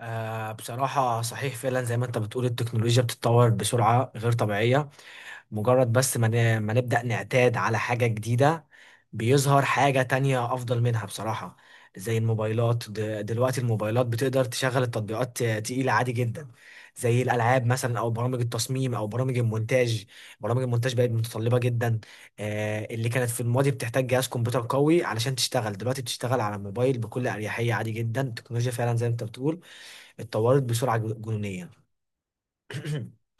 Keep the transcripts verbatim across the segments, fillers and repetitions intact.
آه بصراحة صحيح فعلا زي ما انت بتقول التكنولوجيا بتتطور بسرعة غير طبيعية. مجرد بس ما ن- ما نبدأ نعتاد على حاجة جديدة بيظهر حاجة تانية أفضل منها بصراحة. زي الموبايلات د- دلوقتي الموبايلات بتقدر تشغل التطبيقات تقيلة عادي جدا، زي الألعاب مثلا أو برامج التصميم أو برامج المونتاج. برامج المونتاج بقت متطلبة جدا. آه اللي كانت في الماضي بتحتاج جهاز كمبيوتر قوي علشان تشتغل دلوقتي بتشتغل على الموبايل بكل أريحية عادي جدا. التكنولوجيا فعلا زي ما انت بتقول اتطورت بسرعة جو- جنونية.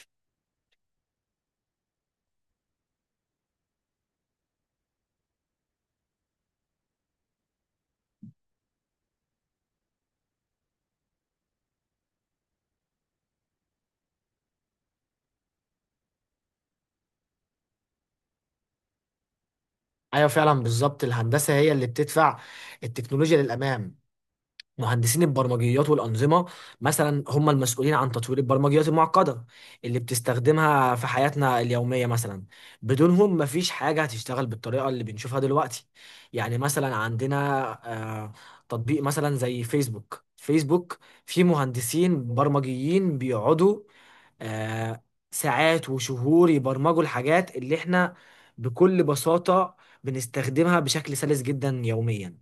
ايوه فعلا بالظبط، الهندسه هي اللي بتدفع التكنولوجيا للامام. مهندسين البرمجيات والانظمه مثلا هم المسؤولين عن تطوير البرمجيات المعقده اللي بتستخدمها في حياتنا اليوميه. مثلا بدونهم مفيش حاجه هتشتغل بالطريقه اللي بنشوفها دلوقتي. يعني مثلا عندنا آه، تطبيق مثلا زي فيسبوك. فيسبوك فيه مهندسين برمجيين بيقعدوا آه، ساعات وشهور يبرمجوا الحاجات اللي احنا بكل بساطة بنستخدمها بشكل سلس جدا يوميا.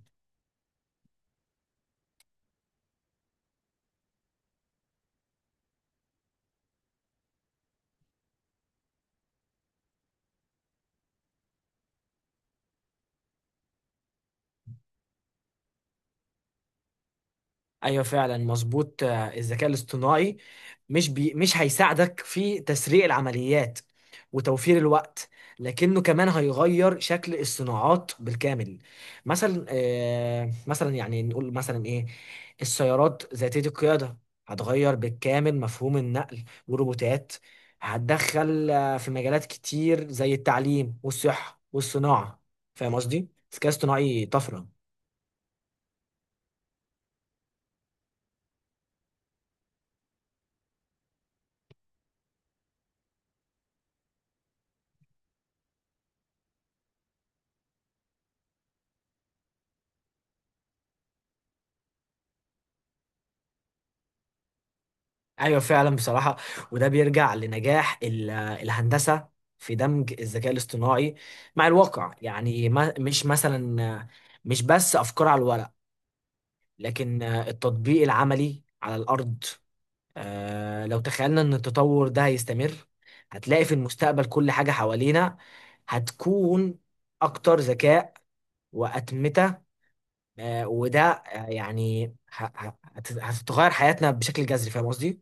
ايوه فعلا مظبوط. آه، الذكاء الاصطناعي مش بي مش هيساعدك في تسريع العمليات وتوفير الوقت لكنه كمان هيغير شكل الصناعات بالكامل. مثلا، آه مثلا يعني نقول مثلا ايه السيارات ذاتية القيادة هتغير بالكامل مفهوم النقل، والروبوتات هتدخل آه، في مجالات كتير زي التعليم والصحة والصناعة. فاهم قصدي؟ الذكاء الاصطناعي طفرة. ايوه فعلا بصراحه. وده بيرجع لنجاح ال- الهندسه في دمج الذكاء الاصطناعي مع الواقع. يعني ما مش مثلا مش بس افكار على الورق لكن التطبيق العملي على الارض. آه، لو تخيلنا ان التطور ده هيستمر هتلاقي في المستقبل كل حاجه حوالينا هتكون اكتر ذكاء واتمته. آه، وده آه، يعني ه- ه- هت- هتتغير حياتنا بشكل جذري. فاهم قصدي؟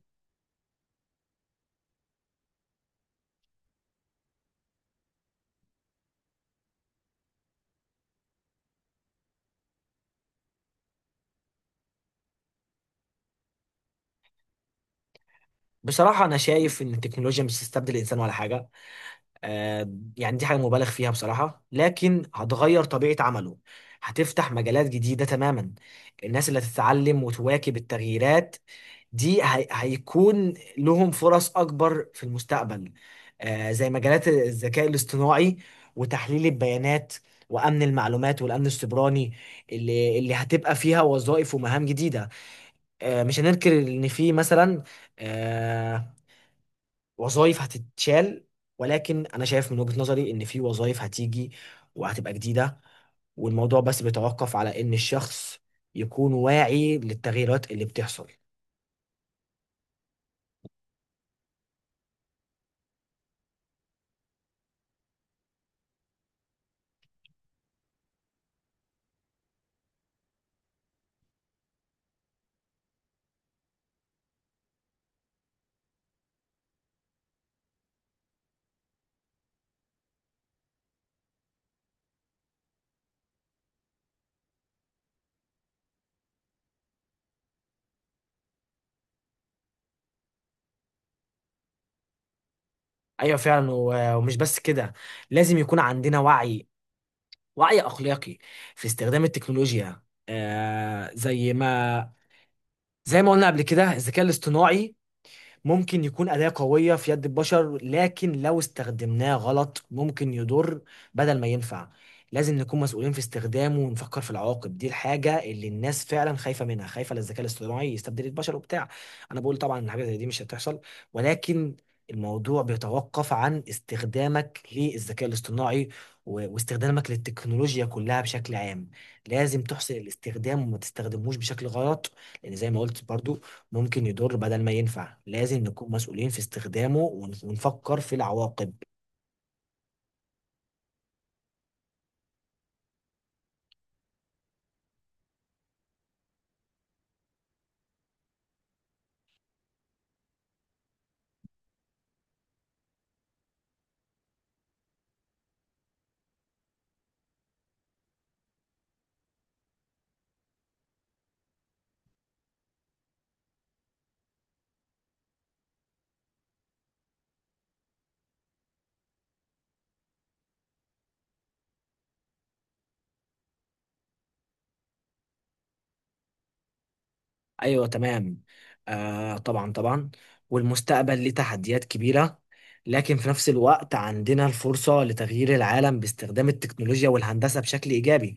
بصراحة أنا شايف إن التكنولوجيا مش هتستبدل الإنسان ولا حاجة. آه، يعني دي حاجة مبالغ فيها بصراحة، لكن هتغير طبيعة عمله، هتفتح مجالات جديدة تماما. الناس اللي هتتعلم وتواكب التغييرات دي هي هيكون لهم فرص أكبر في المستقبل، آه زي مجالات الذكاء الاصطناعي وتحليل البيانات وأمن المعلومات والأمن السيبراني، اللي اللي هتبقى فيها وظائف ومهام جديدة. آه مش هننكر إن في مثلا، آه، وظائف هتتشال، ولكن انا شايف من وجهة نظري ان في وظائف هتيجي وهتبقى جديدة. والموضوع بس بيتوقف على ان الشخص يكون واعي للتغييرات اللي بتحصل. ايوه فعلا. و- ومش بس كده، لازم يكون عندنا وعي، وعي اخلاقي في استخدام التكنولوجيا. آه زي ما زي ما قلنا قبل كده، الذكاء الاصطناعي ممكن يكون أداة قوية في يد البشر، لكن لو استخدمناه غلط ممكن يضر بدل ما ينفع. لازم نكون مسؤولين في استخدامه ونفكر في العواقب. دي الحاجة اللي الناس فعلا خايفة منها، خايفة للذكاء الاصطناعي يستبدل البشر وبتاع. أنا بقول طبعا إن حاجة زي دي مش هتحصل، ولكن الموضوع بيتوقف عن استخدامك للذكاء الاصطناعي و- واستخدامك للتكنولوجيا كلها بشكل عام. لازم تحسن الاستخدام وما تستخدموش بشكل غلط، لان زي ما قلت برضو ممكن يضر بدل ما ينفع. لازم نكون مسؤولين في استخدامه ون- ونفكر في العواقب. ايوه تمام. آه طبعا طبعا. والمستقبل ليه تحديات كبيرة، لكن في نفس الوقت عندنا الفرصة لتغيير العالم باستخدام التكنولوجيا والهندسة بشكل إيجابي.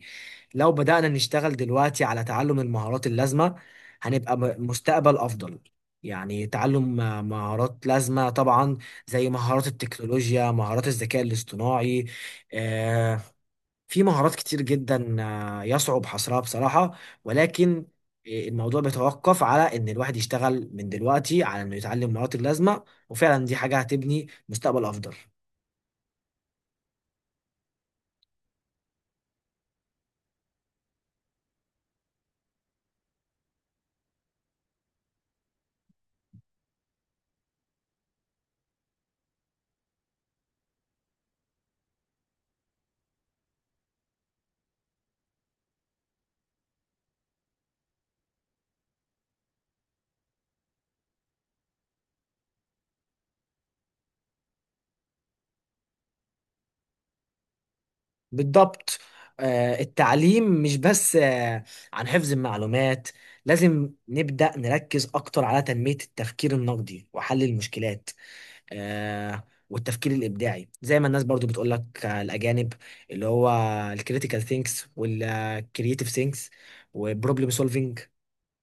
لو بدأنا نشتغل دلوقتي على تعلم المهارات اللازمة هنبقى م- مستقبل أفضل. يعني تعلم آه، مهارات لازمة طبعا، زي مهارات التكنولوجيا، مهارات الذكاء الاصطناعي. آه، في مهارات كتير جدا آه، يصعب حصرها بصراحة. ولكن آه، الموضوع بيتوقف على ان الواحد يشتغل من دلوقتي على انه يتعلم مهارات اللازمة، وفعلا دي حاجة هتبني مستقبل افضل. بالضبط. آه، التعليم مش بس آه، عن حفظ المعلومات، لازم نبدأ نركز اكتر على تنمية التفكير النقدي وحل المشكلات آه والتفكير الابداعي. زي ما الناس برضو بتقول لك، آه، الاجانب اللي هو الكريتيكال ثينكس والكرييتيف ثينكس وبروبلم سولفينج،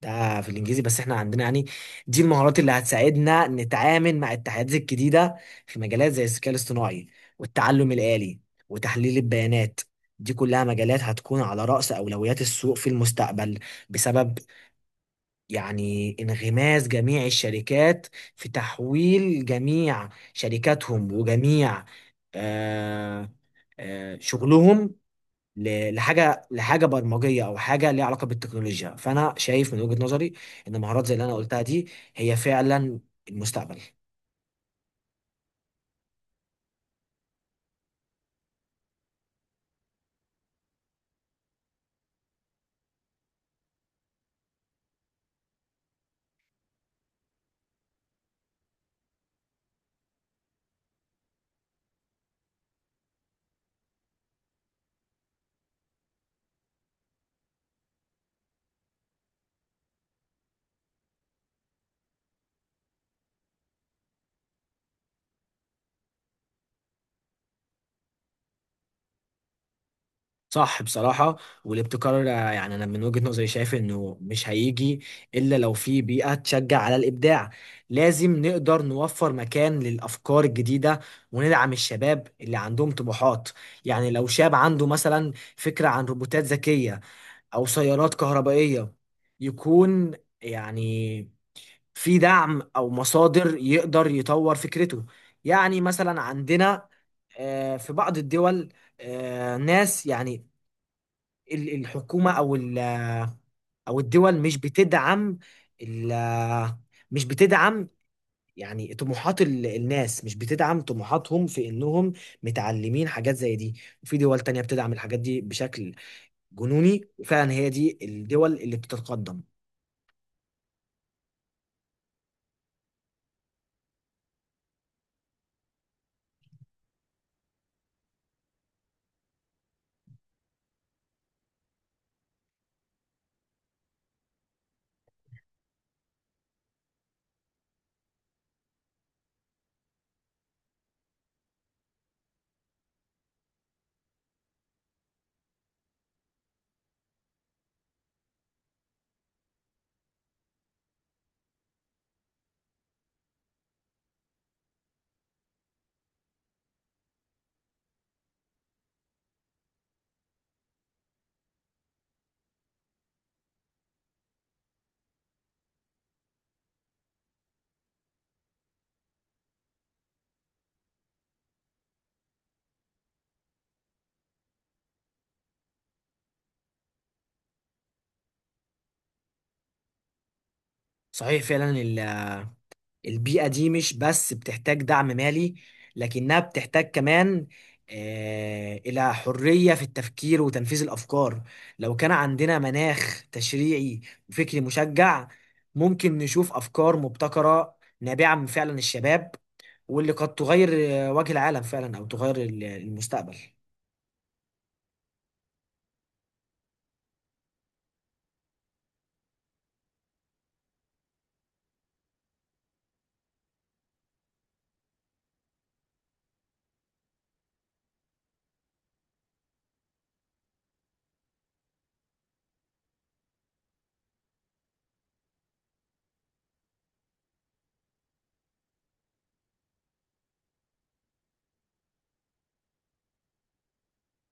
ده في الانجليزي بس احنا عندنا يعني. دي المهارات اللي هتساعدنا نتعامل مع التحديات الجديده في مجالات زي الذكاء الاصطناعي والتعلم الآلي وتحليل البيانات. دي كلها مجالات هتكون على رأس أولويات السوق في المستقبل، بسبب يعني انغماس جميع الشركات في تحويل جميع شركاتهم وجميع آه، آه، شغلهم ل- لحاجه لحاجه برمجيه او حاجه ليها علاقه بالتكنولوجيا. فانا شايف من وجهة نظري ان مهارات زي اللي انا قلتها دي هي فعلا المستقبل. صح بصراحة. والابتكار آه، يعني أنا من وجهة نظري شايف إنه مش هيجي إلا لو في بيئة تشجع على الإبداع. لازم نقدر نوفر مكان للأفكار الجديدة وندعم الشباب اللي عندهم طموحات. يعني لو شاب عنده مثلا فكرة عن روبوتات ذكية أو سيارات كهربائية يكون يعني في دعم أو مصادر يقدر يطور فكرته. يعني مثلا عندنا آه، في بعض الدول آه، ناس يعني ال- الحكومة أو ال- أو الدول مش بتدعم ال- مش بتدعم يعني طموحات ال- الناس، مش بتدعم طموحاتهم في إنهم متعلمين حاجات زي دي، وفي دول تانية بتدعم الحاجات دي بشكل جنوني، وفعلا هي دي الدول اللي بتتقدم. صحيح فعلا. البيئة دي مش بس بتحتاج دعم مالي، لكنها بتحتاج كمان آه، إلى حرية في التفكير وتنفيذ الأفكار. لو كان عندنا مناخ تشريعي وفكري مشجع ممكن نشوف أفكار مبتكرة نابعة من فعلا الشباب، واللي قد تغير آه، وجه العالم فعلا أو تغير ال- المستقبل.